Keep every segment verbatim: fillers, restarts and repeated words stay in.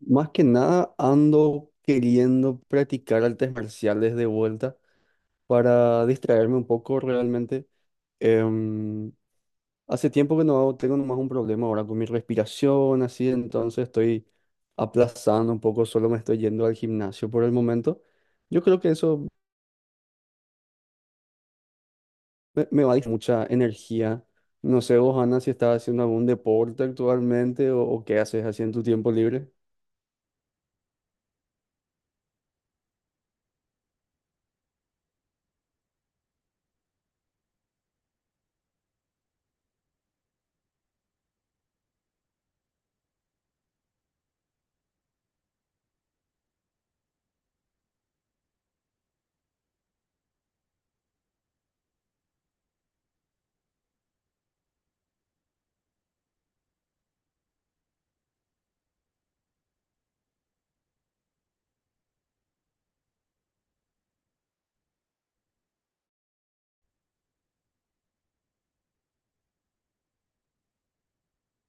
Más que nada ando queriendo practicar artes marciales de vuelta para distraerme un poco realmente. Em, Hace tiempo que no hago- tengo nomás un problema ahora con mi respiración, así, entonces estoy aplazando un poco, solo me estoy yendo al gimnasio por el momento. Yo creo que eso me, me va a dar mucha energía. No sé vos, Ana, si estás haciendo algún deporte actualmente o, o qué haces así en tu tiempo libre.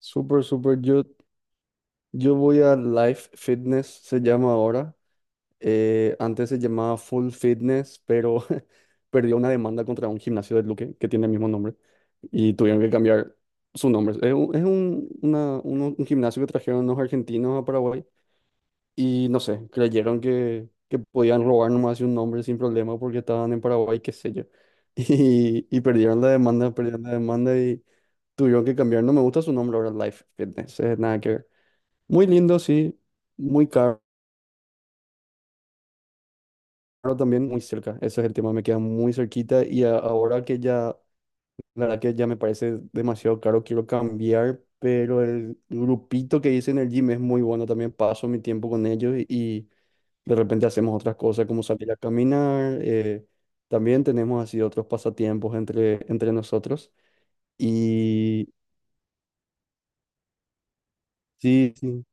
Súper, súper. Yo Yo voy a Life Fitness, se llama ahora. Eh, antes se llamaba Full Fitness, pero perdió una demanda contra un gimnasio de Luque que tiene el mismo nombre y tuvieron que cambiar su nombre. Es un, es un, una- un- un gimnasio que trajeron los argentinos a Paraguay y no sé, creyeron que, que podían robar nomás un nombre sin problema porque estaban en Paraguay, qué sé yo. Y, y perdieron la demanda, perdieron la demanda y tuvieron que cambiar. No me gusta su nombre ahora, Life Fitness, eh, nada que ver. Muy lindo, sí. Muy caro también, muy cerca. Ese es el tema, me queda muy cerquita y a- ahora que ya, la verdad que ya me parece demasiado caro, quiero cambiar, pero el grupito que hice en el gym es muy bueno, también paso mi tiempo con ellos y, y de repente hacemos otras cosas como salir a caminar, eh, también tenemos así otros pasatiempos entre, entre nosotros y sí, sí.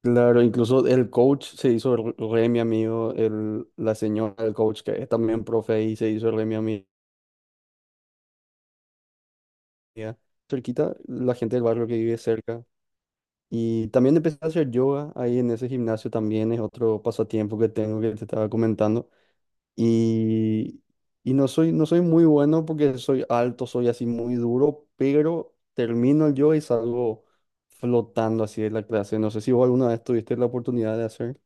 Claro, incluso el coach se hizo re re mi amigo, el, la señora del coach que es también profe y se hizo re mi amiga. Cerquita, la gente del barrio que vive cerca. Y también empecé a hacer yoga ahí en ese gimnasio también, es otro pasatiempo que tengo que te estaba comentando. Y, y no soy, no soy muy bueno porque soy alto, soy así muy duro, pero termino el yoga y salgo flotando así de la clase. No sé si vos alguna vez tuviste la oportunidad de hacer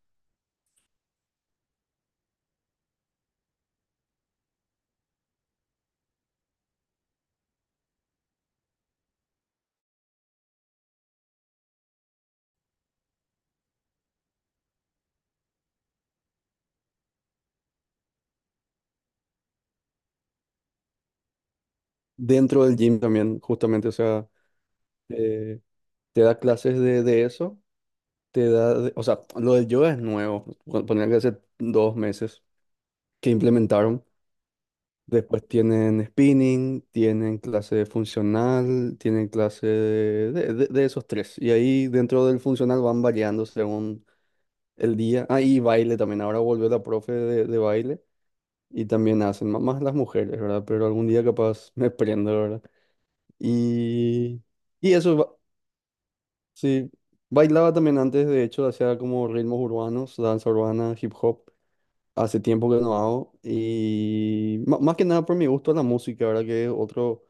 dentro del gym también, justamente, o sea eh, te da clases de, de eso, te da, de- o sea, lo del yoga es nuevo, pon- ponía que hace dos meses que implementaron. Después tienen spinning, tienen clase funcional, tienen clase de, de- de- de esos tres. Y ahí dentro del funcional van variando según el día. Ah, y baile también. Ahora volvió la profe de, de baile y también hacen, ma- más las mujeres, ¿verdad? Pero algún día capaz me prendo, ¿verdad? Y, y eso, Sí, bailaba también antes, de hecho, hacía como ritmos urbanos, danza urbana, hip hop. Hace tiempo que no hago. Y ma- más que nada por mi gusto a la música, ¿verdad? Que es otro,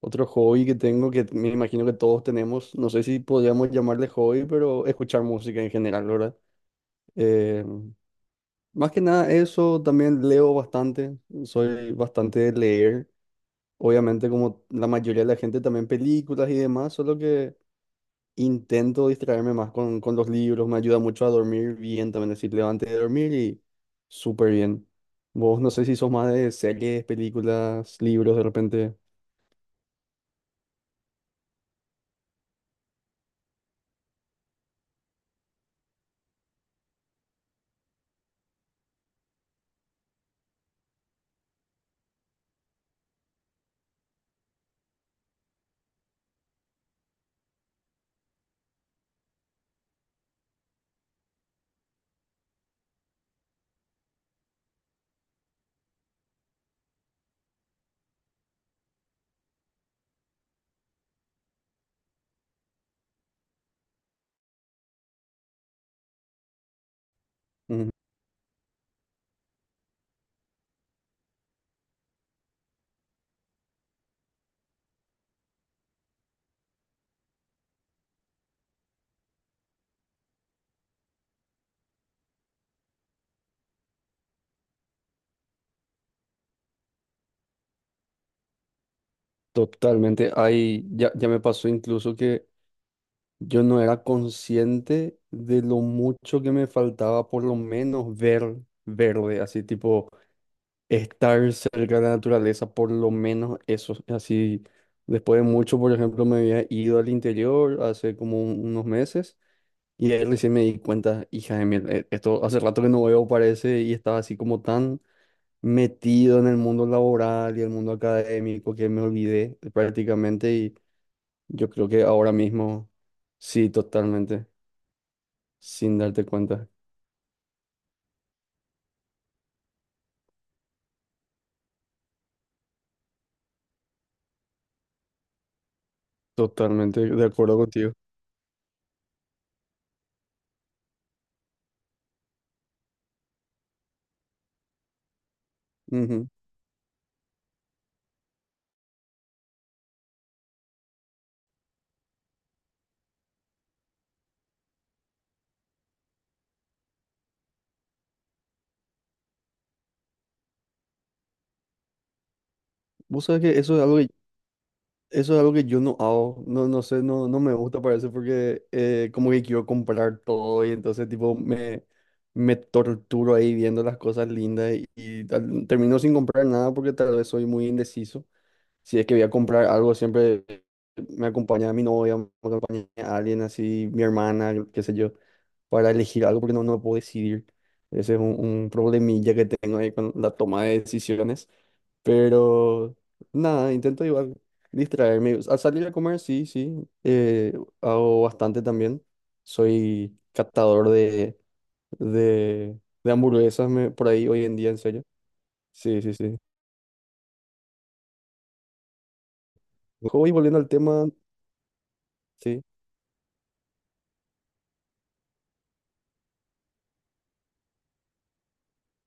otro hobby que tengo, que me imagino que todos tenemos. No sé si podríamos llamarle hobby, pero escuchar música en general, ¿verdad? Eh, Más que nada eso, también leo bastante, soy bastante de leer. Obviamente, como la mayoría de la gente, también películas y demás, solo que... Intento distraerme más con, con los libros, me ayuda mucho a dormir bien también, es decir, levante de dormir y súper bien. Vos no sé si sos más de series, películas, libros de repente. Ujú. Totalmente, ahí ya, ya me pasó incluso que yo no era consciente de lo mucho que me faltaba por lo menos ver verde, así tipo estar cerca de la naturaleza, por lo menos eso. Así, después de mucho, por ejemplo, me había ido al interior hace como un- unos meses y ahí recién me di cuenta, hija de mil, eh, esto hace rato que no veo, parece, y estaba así como tan metido en el mundo laboral y el mundo académico que me olvidé prácticamente y yo creo que ahora mismo, sí, totalmente, sin darte cuenta, totalmente de acuerdo contigo. Ujú. Vos sabés que eso es algo que eso es algo que yo no hago, no, no sé, no, no me gusta parece porque eh, como que quiero comprar todo y entonces tipo me, me torturo ahí viendo las cosas lindas y, y tal- termino sin comprar nada porque tal vez soy muy indeciso. Si es que voy a comprar algo, siempre me acompaña mi novia, me acompaña alguien así, mi hermana, yo qué sé yo, para elegir algo porque no, no puedo decidir. Ese es un, un problemilla que tengo ahí con la toma de decisiones. Pero nada, intento igual distraerme. Al salir a comer, sí, sí. eh, Hago bastante también. Soy catador de, de, de hamburguesas me- por ahí hoy en día, en serio. Sí, sí, sí. Hoy volviendo al tema, sí.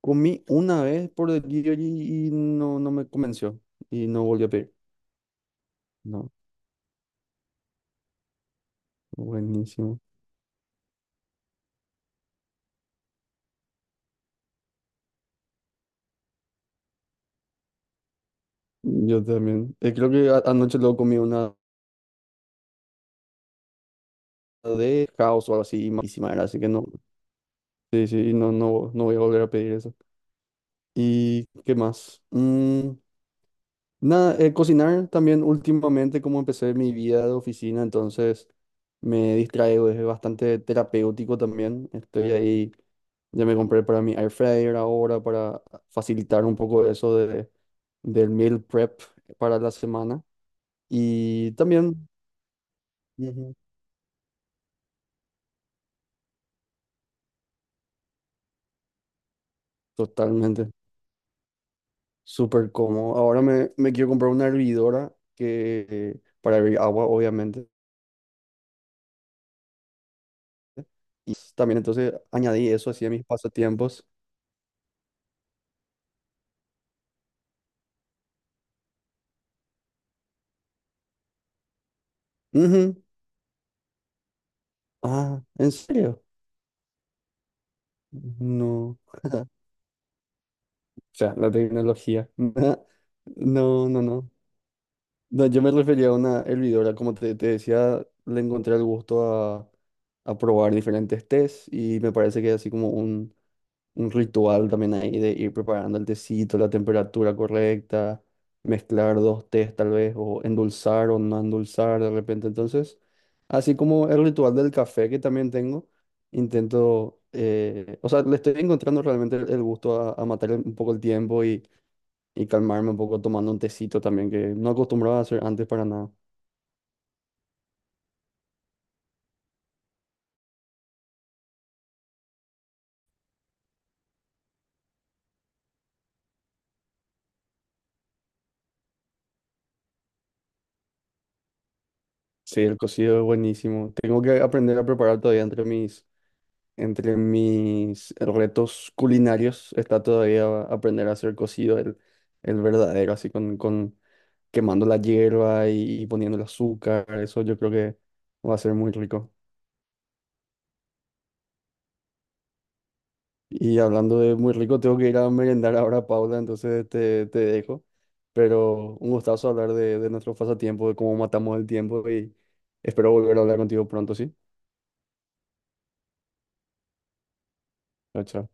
Comí una vez por delivery y no, no me convenció. Y no volví a pedir. No, buenísimo. Yo también. Eh, creo que a- anoche luego comí una de caos o algo así, malísima era, así que no. Sí, sí, y no, no, no voy a volver a pedir eso. ¿Y qué más? Mm, nada, eh, cocinar también últimamente, como empecé mi vida de oficina, entonces me distraigo, es bastante terapéutico también. Estoy ahí, ya me compré para mi air fryer ahora para facilitar un poco eso de, del meal prep para la semana. Y también, ujú, totalmente, súper cómodo. Ahora me, me quiero comprar una hervidora que, para hervir agua, obviamente. Y s- también entonces añadí eso así a mis pasatiempos. Ujú. Ah, ¿en serio? No. O sea, la tecnología. No, no, no. No, yo me refería a una hervidora, como te, te decía, le encontré el gusto a, a probar diferentes tés y me parece que es así como un, un ritual también ahí de ir preparando el tecito, la temperatura correcta, mezclar dos tés tal vez, o endulzar o no endulzar de repente. Entonces... Así como el ritual del café que también tengo, intento, eh, o sea, le estoy encontrando realmente el el gusto a, a matar el- un poco el tiempo y, y calmarme un poco tomando un tecito también, que no acostumbraba a hacer antes para nada. Sí, el cocido es buenísimo. Tengo que aprender a preparar todavía entre mis, entre mis retos culinarios. Está todavía aprender a hacer cocido el, el verdadero, así con, con quemando la hierba y, y poniendo el azúcar. Eso yo creo que va a ser muy rico. Y hablando de muy rico, tengo que ir a merendar ahora, Paula, entonces te, te dejo. Pero un gustazo hablar de, de nuestro pasatiempo, de cómo matamos el tiempo y espero volver a hablar contigo pronto, ¿sí? Chao, chao.